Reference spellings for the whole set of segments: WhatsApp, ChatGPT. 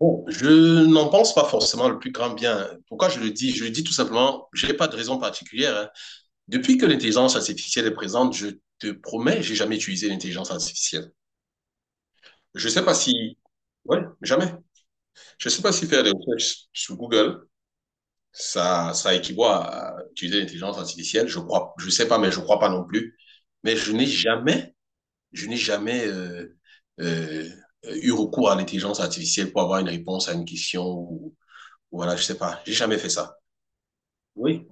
Bon, je n'en pense pas forcément le plus grand bien. Pourquoi je le dis? Je le dis tout simplement, je n'ai pas de raison particulière, hein. Depuis que l'intelligence artificielle est présente, je te promets, j'ai jamais utilisé l'intelligence artificielle. Je sais pas si, ouais, jamais. Je sais pas si faire des recherches sur Google, ça équivaut à utiliser l'intelligence artificielle. Je crois, je sais pas, mais je crois pas non plus. Mais je n'ai jamais euh, eu recours à l'intelligence artificielle pour avoir une réponse à une question ou voilà, je sais pas. J'ai jamais fait ça. Oui,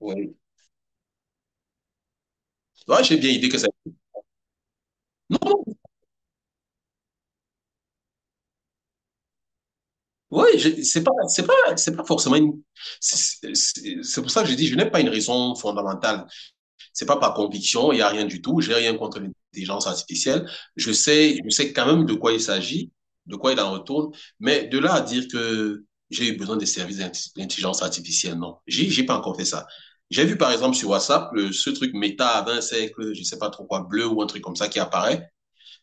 oui. Ouais, j'ai bien idée que ça. Non, non, oui, c'est pas forcément une. C'est pour ça que je dis, je n'ai pas une raison fondamentale. C'est pas par conviction, il n'y a rien du tout. J'ai rien contre l'intelligence artificielle. Je sais quand même de quoi il s'agit, de quoi il en retourne. Mais de là à dire que j'ai eu besoin des services d'intelligence artificielle, non. J'ai pas encore fait ça. J'ai vu par exemple sur WhatsApp ce truc méta à 20 siècles, je sais pas trop quoi, bleu ou un truc comme ça qui apparaît.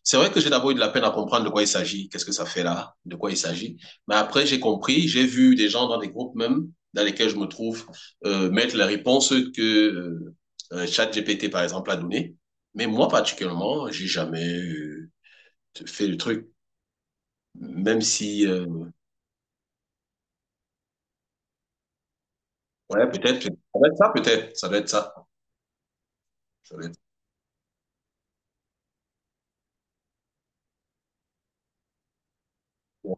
C'est vrai que j'ai d'abord eu de la peine à comprendre de quoi il s'agit, qu'est-ce que ça fait là, de quoi il s'agit. Mais après, j'ai compris, j'ai vu des gens dans des groupes même dans lesquels je me trouve mettre les réponses que euh, ChatGPT, par exemple, a données. Mais moi, particulièrement, j'ai jamais fait le truc, même si... ouais, peut-être, ça doit être ça, peut-être, ça doit être ça. Ça doit être- Ouais.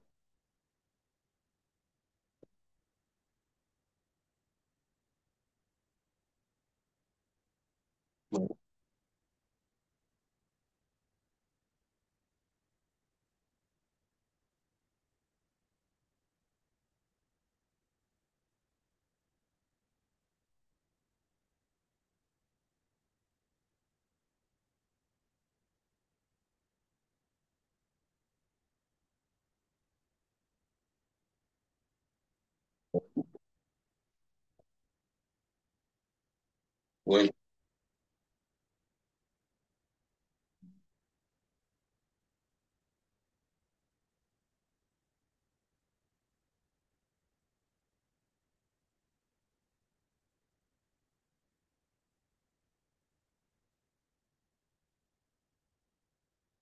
Ouais.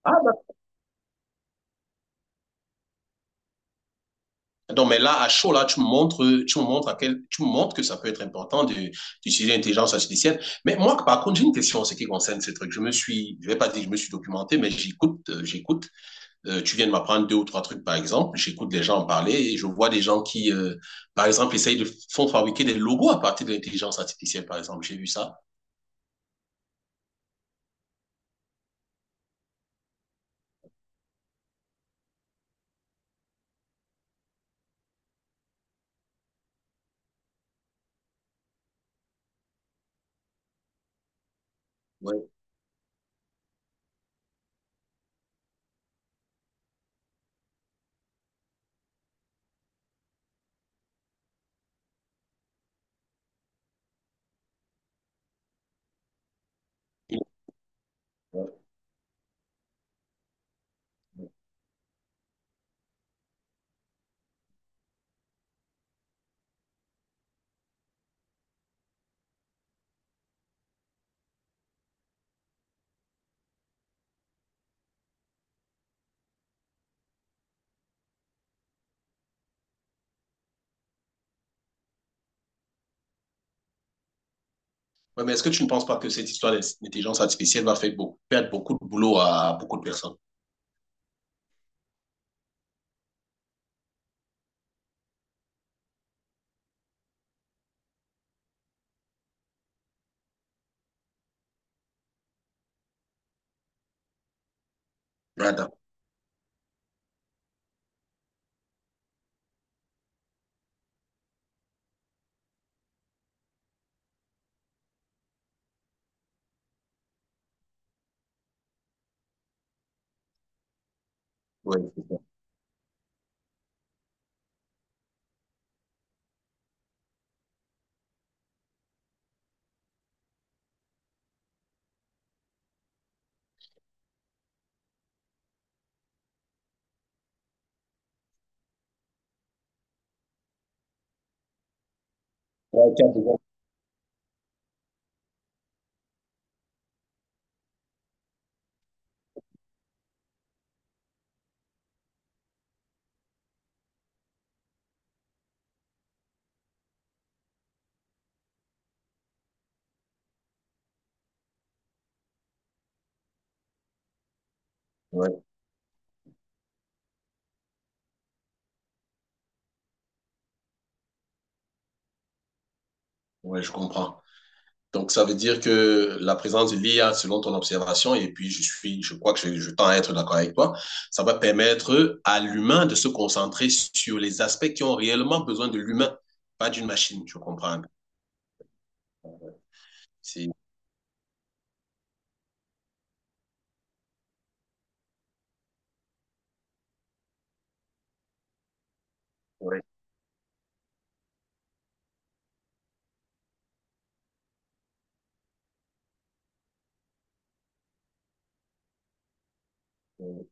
Ah, bah, donc, mais là, à chaud, là, tu me montres que ça peut être important d'utiliser l'intelligence artificielle. Mais moi, par contre, j'ai une question en ce qui concerne ces trucs. Je me suis, je vais pas dire que je me suis documenté, mais j'écoute, j'écoute. Tu viens de m'apprendre deux ou trois trucs, par exemple. J'écoute les gens en parler et je vois des gens qui, par exemple, essayent de font fabriquer des logos à partir de l'intelligence artificielle, par exemple. J'ai vu ça. Ouais. Ouais, mais est-ce que tu ne penses pas que cette histoire d'intelligence artificielle va faire beaucoup, perdre beaucoup de boulot à beaucoup de personnes? Ouais, d'accord. Ouais, c'est ça. Ouais, tu as raison. Ouais, ouais, je comprends. Donc, ça veut dire que la présence de l'IA, selon ton observation, et puis je crois que je tends à être d'accord avec toi, ça va permettre à l'humain de se concentrer sur les aspects qui ont réellement besoin de l'humain, pas d'une machine, je comprends un peu. C'est, ouais, ouais,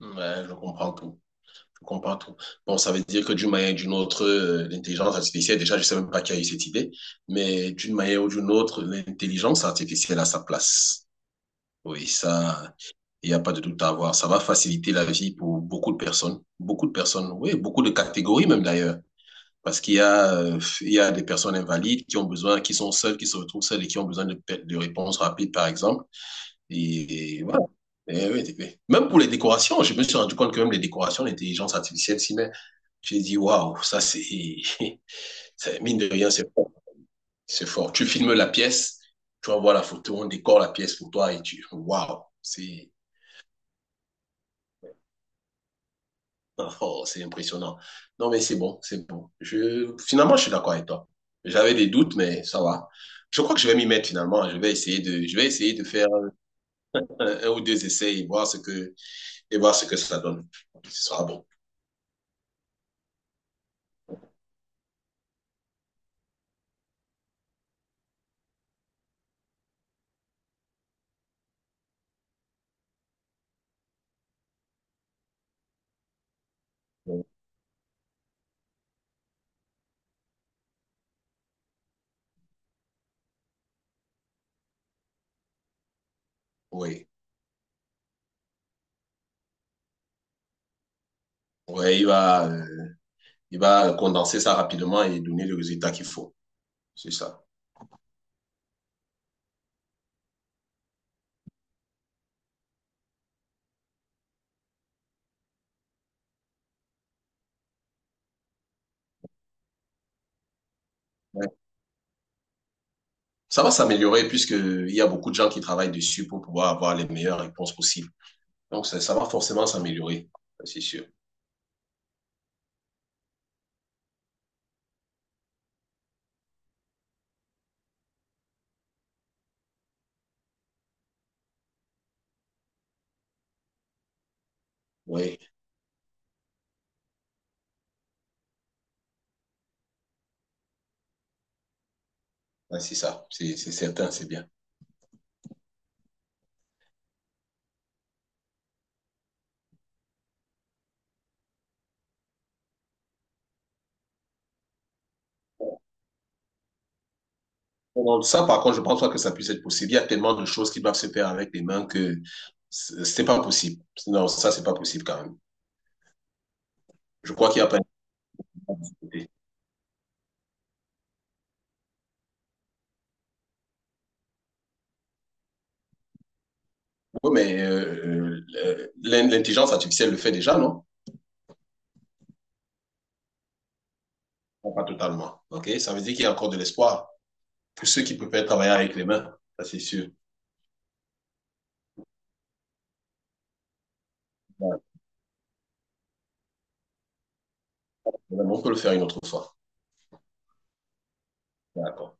ouais, je comprends tout. Je comprends tout. Bon, ça veut dire que d'une manière ou d'une autre, l'intelligence artificielle, déjà, je ne sais même pas qui a eu cette idée, mais d'une manière ou d'une autre, l'intelligence artificielle a sa place. Oui, ça, il n'y a pas de doute à avoir. Ça va faciliter la vie pour beaucoup de personnes, oui, beaucoup de catégories même d'ailleurs. Parce qu'il y a des personnes invalides qui ont besoin, qui sont seules, qui se retrouvent seules et qui ont besoin de réponses rapides, par exemple. Et voilà. Et oui, et oui. Même pour les décorations, je me suis rendu compte que même les décorations, l'intelligence artificielle s'y met. J'ai dit, waouh, ça c'est, mine de rien, c'est fort. C'est fort. Tu filmes la pièce, tu envoies la photo, on décore la pièce pour toi et tu, waouh, c'est, oh, c'est impressionnant. Non, mais c'est bon, c'est bon. Finalement, je suis d'accord avec toi. J'avais des doutes, mais ça va. Je crois que je vais m'y mettre finalement. Je vais essayer de faire un ou deux essais et voir ce que ça donne. Ce sera bon. Oui. Ouais, il va condenser ça rapidement et donner le résultat qu'il faut. C'est ça. Ouais. Ça va s'améliorer puisqu'il y a beaucoup de gens qui travaillent dessus pour pouvoir avoir les meilleures réponses possibles. Donc, ça va forcément s'améliorer, ça, c'est sûr. Oui, ouais, c'est ça, c'est certain, c'est bien. Bon, ça, par contre, je pense pas que ça puisse être possible. Il y a tellement de choses qui doivent se faire avec les mains que c'est pas possible. Non, ça, c'est pas possible quand même. Je crois qu'il n'y a pas... une Oui, mais l'intelligence artificielle le fait déjà, non? Non, pas totalement. OK? Ça veut dire qu'il y a encore de l'espoir pour ceux qui préfèrent travailler avec les mains. Ça, c'est sûr. Ouais. On peut le faire une autre fois. D'accord.